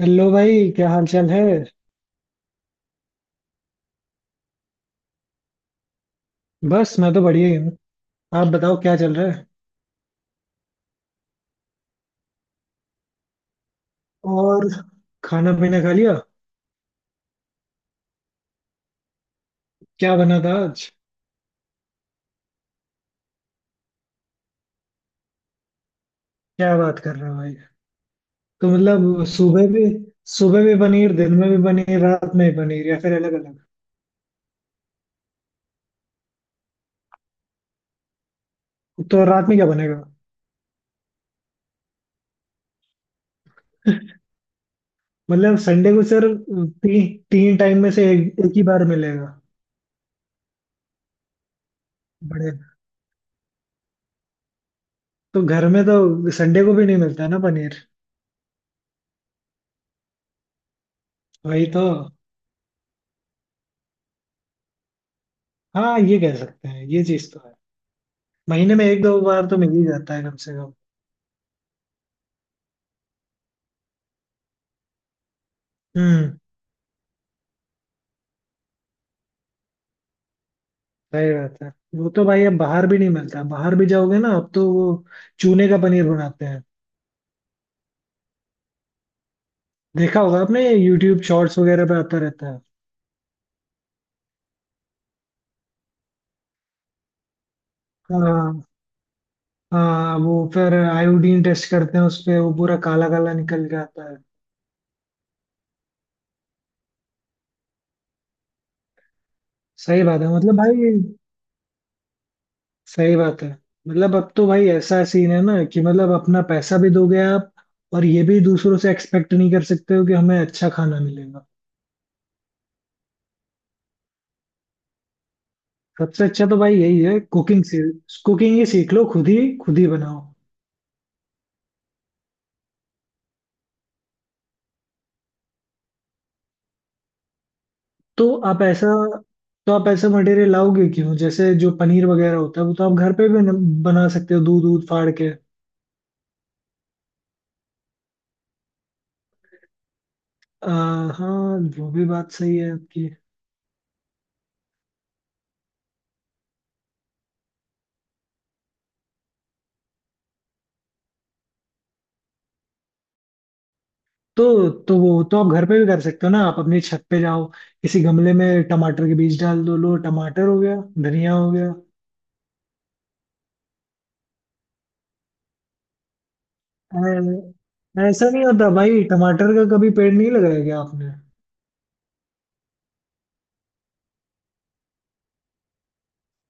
Hello भाई, क्या हाल चाल है। बस मैं तो बढ़िया ही हूँ। आप बताओ क्या चल रहा है। और खाना पीना खा लिया? क्या बना था आज? क्या बात कर रहे हो भाई। तो मतलब सुबह भी पनीर, दिन में भी पनीर, रात में भी पनीर, या फिर अलग अलग। तो रात में क्या बनेगा? मतलब संडे को सर। तीन टाइम में से एक ही बार मिलेगा। बड़े। तो घर में तो संडे को भी नहीं मिलता ना पनीर। वही तो। हाँ, ये कह सकते हैं, ये चीज तो है। महीने में एक दो बार तो मिल ही जाता है कम से कम। हम्म। सही बात है। वो तो भाई, अब बाहर भी नहीं मिलता। बाहर भी जाओगे ना, अब तो वो चूने का पनीर बनाते हैं। देखा होगा आपने, यूट्यूब शॉर्ट्स वगैरह पे आता रहता है। हाँ, हाँ, वो फिर आयोडीन टेस्ट करते हैं उस पे, वो पूरा काला काला निकल के आता है। सही बात है मतलब भाई। सही बात है। मतलब अब तो भाई ऐसा सीन है ना कि मतलब अपना पैसा भी दोगे आप, और ये भी दूसरों से एक्सपेक्ट नहीं कर सकते हो कि हमें अच्छा खाना मिलेगा। सबसे अच्छा तो भाई यही है, कुकिंग से कुकिंग ही सीख लो, खुद ही बनाओ। तो आप ऐसा तो आप ऐसा मटेरियल लाओगे क्यों, जैसे जो पनीर वगैरह होता है वो तो आप घर पे भी बना सकते हो, दूध दूध फाड़ के। आ, हाँ, वो भी बात सही है आपकी। तो वो तो आप घर पे भी कर सकते हो ना, आप अपनी छत पे जाओ। किसी गमले में टमाटर के बीज डाल दो, लो टमाटर हो गया, धनिया हो गया। ऐसा नहीं होता भाई, टमाटर का कभी पेड़ नहीं लगाया क्या आपने?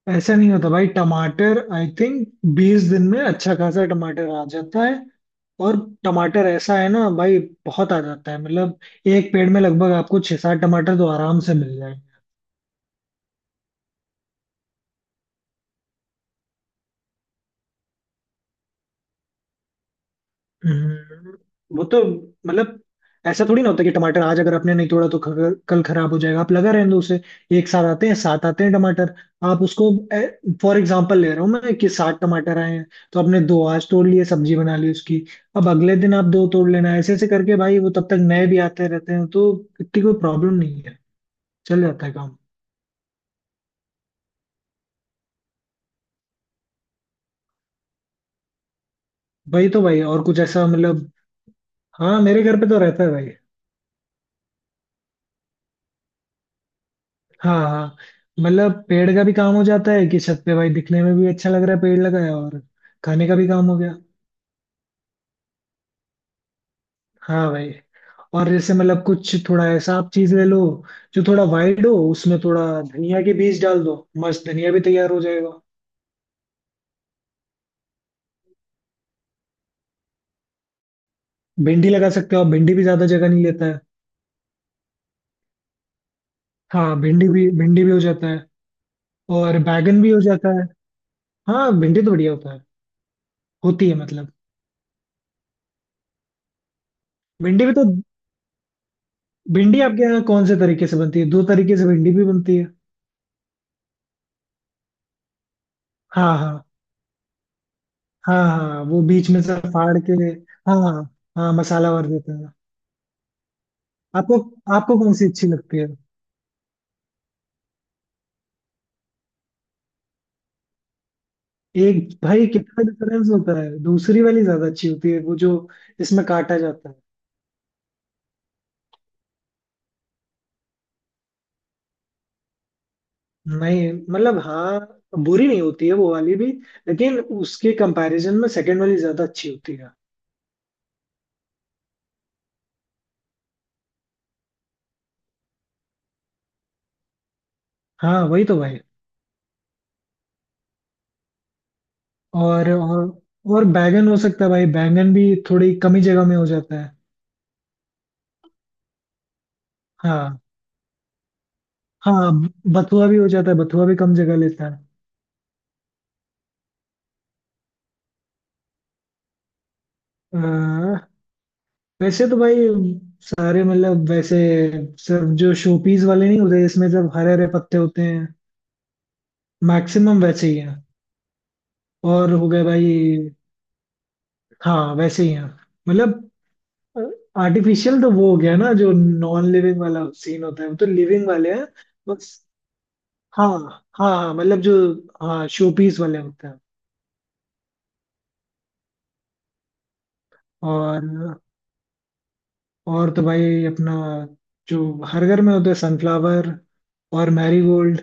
ऐसा नहीं होता भाई। टमाटर आई थिंक 20 दिन में अच्छा खासा टमाटर आ जाता है। और टमाटर ऐसा है ना भाई, बहुत आ जाता है मतलब। एक पेड़ में लगभग आपको छह सात टमाटर तो आराम से मिल जाएंगे। हम्म, वो तो मतलब, ऐसा थोड़ी ना होता कि टमाटर आज अगर आपने नहीं तोड़ा तो कल खराब हो जाएगा, आप लगा रहने दो उसे। एक साथ आते हैं, सात आते हैं टमाटर। आप उसको फॉर एग्जाम्पल ले रहा हूँ मैं कि सात टमाटर आए हैं। तो आपने दो आज तोड़ लिए, सब्जी बना ली उसकी। अब अगले दिन आप दो तोड़ लेना, ऐसे ऐसे करके भाई वो तब तक नए भी आते रहते हैं, तो इतनी कोई प्रॉब्लम नहीं है। चल जाता है काम। वही तो भाई, और कुछ ऐसा मतलब। हाँ, मेरे घर पे तो रहता है भाई। हाँ, हाँ, मतलब पेड़ का भी काम हो जाता है कि छत पे भाई दिखने में भी अच्छा लग रहा है, पेड़ लगाया, और खाने का भी काम हो गया। हाँ भाई। और जैसे मतलब कुछ थोड़ा ऐसा आप चीज ले लो, जो थोड़ा वाइड हो, उसमें थोड़ा धनिया के बीज डाल दो, मस्त धनिया भी तैयार हो जाएगा। भिंडी लगा सकते हो आप, भिंडी भी ज्यादा जगह नहीं लेता है। हाँ, भिंडी भी हो जाता है, और बैगन भी हो जाता है। हाँ, भिंडी तो बढ़िया होता है, होती है मतलब। भिंडी भी तो। भिंडी आपके यहाँ कौन से तरीके से बनती है? दो तरीके से भिंडी भी बनती है। हाँ, हाँ, हाँ, हाँ, हाँ, वो बीच में से फाड़ के। हाँ, हाँ, हाँ, मसाला भर देते हैं। आपको आपको कौन सी अच्छी लगती है? एक भाई, कितना डिफरेंस होता है, दूसरी वाली ज्यादा अच्छी होती है, वो जो इसमें काटा जाता है। नहीं, मतलब हाँ, बुरी नहीं होती है वो वाली भी। लेकिन उसके कंपैरिजन में सेकंड वाली ज्यादा अच्छी होती है। हाँ वही तो भाई। और और और बैंगन हो सकता है भाई, बैंगन भी थोड़ी कम ही जगह में हो जाता है। हाँ, हाँ, बथुआ भी हो जाता है, बथुआ भी कम जगह लेता है। वैसे तो भाई सारे मतलब, वैसे सिर्फ जो शोपीस वाले नहीं होते, इसमें सिर्फ हरे हरे पत्ते होते हैं। मैक्सिमम वैसे ही हैं, और हो गए भाई। हाँ, वैसे ही हैं मतलब। आर्टिफिशियल तो वो हो गया ना जो नॉन लिविंग वाला सीन होता है, वो तो लिविंग वाले हैं। बस, हाँ, हाँ, हाँ मतलब जो, हाँ शोपीस वाले होते हैं। और और तो भाई अपना, जो हर घर में होते हैं, सनफ्लावर और मैरीगोल्ड।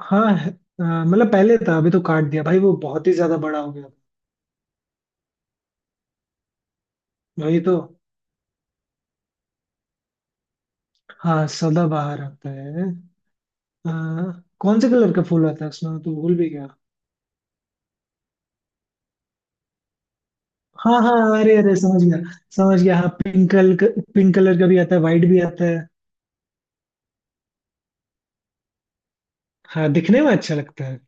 हाँ, मतलब पहले था, अभी तो काट दिया भाई, वो बहुत ही ज्यादा बड़ा हो गया। वही तो। हाँ, सदाबहार आता है। अ, कौन से कलर का फूल आता है उसमें, तो भूल भी गया। हाँ, हाँ, अरे, अरे, समझ गया, समझ गया, हाँ पिंक कलर, पिंक कलर का भी आता है, वाइट भी आता है। हाँ, दिखने में अच्छा लगता है।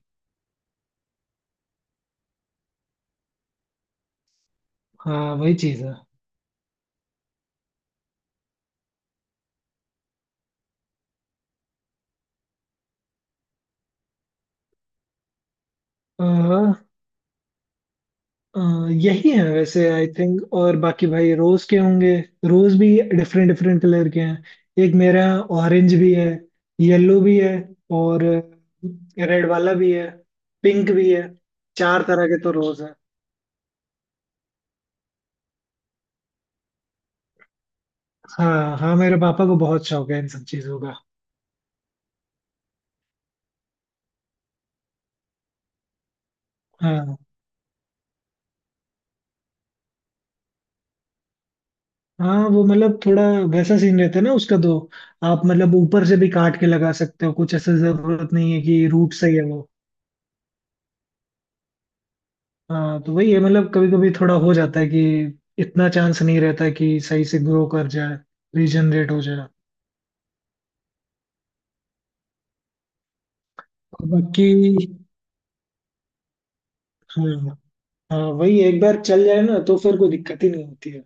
हाँ वही चीज है। अ, यही है वैसे आई थिंक, और बाकी भाई रोज के होंगे। रोज भी डिफरेंट डिफरेंट कलर के हैं, एक मेरा ऑरेंज भी है, येलो भी है, और रेड वाला भी है, पिंक भी है। चार तरह के तो रोज है। हाँ, हाँ, मेरे पापा को बहुत शौक है इन सब चीजों का। हाँ, हाँ, वो मतलब थोड़ा वैसा सीन रहता है ना उसका तो। आप मतलब ऊपर से भी काट के लगा सकते हो, कुछ ऐसा जरूरत नहीं है कि रूट सही है वो। हाँ तो वही है मतलब, कभी कभी थोड़ा हो जाता है कि इतना चांस नहीं रहता है कि सही से ग्रो कर जाए, रीजनरेट हो जाए। और बाकी। हाँ, हाँ वही है, एक बार चल जाए ना तो फिर कोई दिक्कत ही नहीं होती है।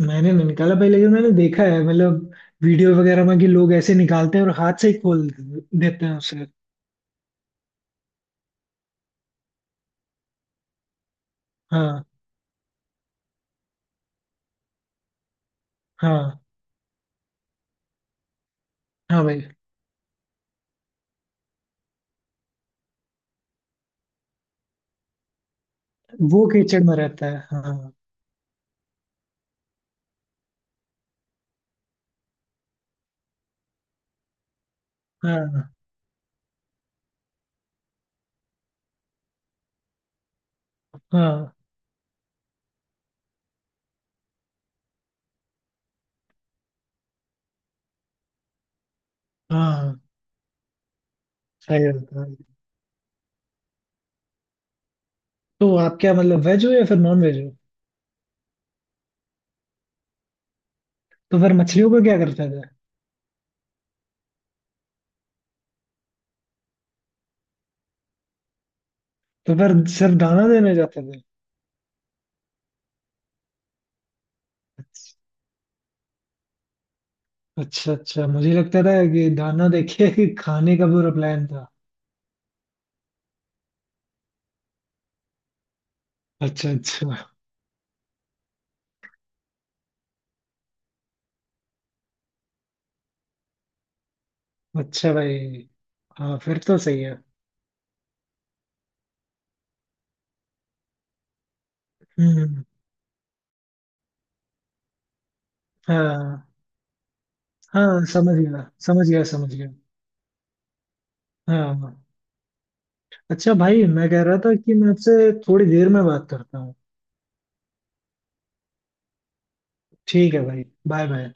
मैंने नहीं निकाला भाई, लेकिन मैंने देखा है मतलब, वीडियो वगैरह में, कि लोग ऐसे निकालते हैं और हाथ से ही खोल देते हैं उसे। हाँ, हाँ, हाँ भाई, वो कीचड़ में रहता है। हाँ, हाँ, हाँ, हाँ, सही रहता है। तो आप क्या मतलब, वेज हो या फिर नॉन वेज हो? तो फिर मछलियों को क्या करते थे? तो फिर सिर्फ दाना देने जाते थे? अच्छा, अच्छा, मुझे लगता था कि दाना देके ही खाने का पूरा प्लान था। अच्छा, अच्छा। अच्छा भाई। हाँ फिर तो सही है। हम्म, हाँ, हाँ, समझ गया, समझ गया, समझ गया। हाँ, हाँ। अच्छा भाई, मैं कह रहा था कि मैं आपसे थोड़ी देर में बात करता हूँ। ठीक है भाई, बाय बाय।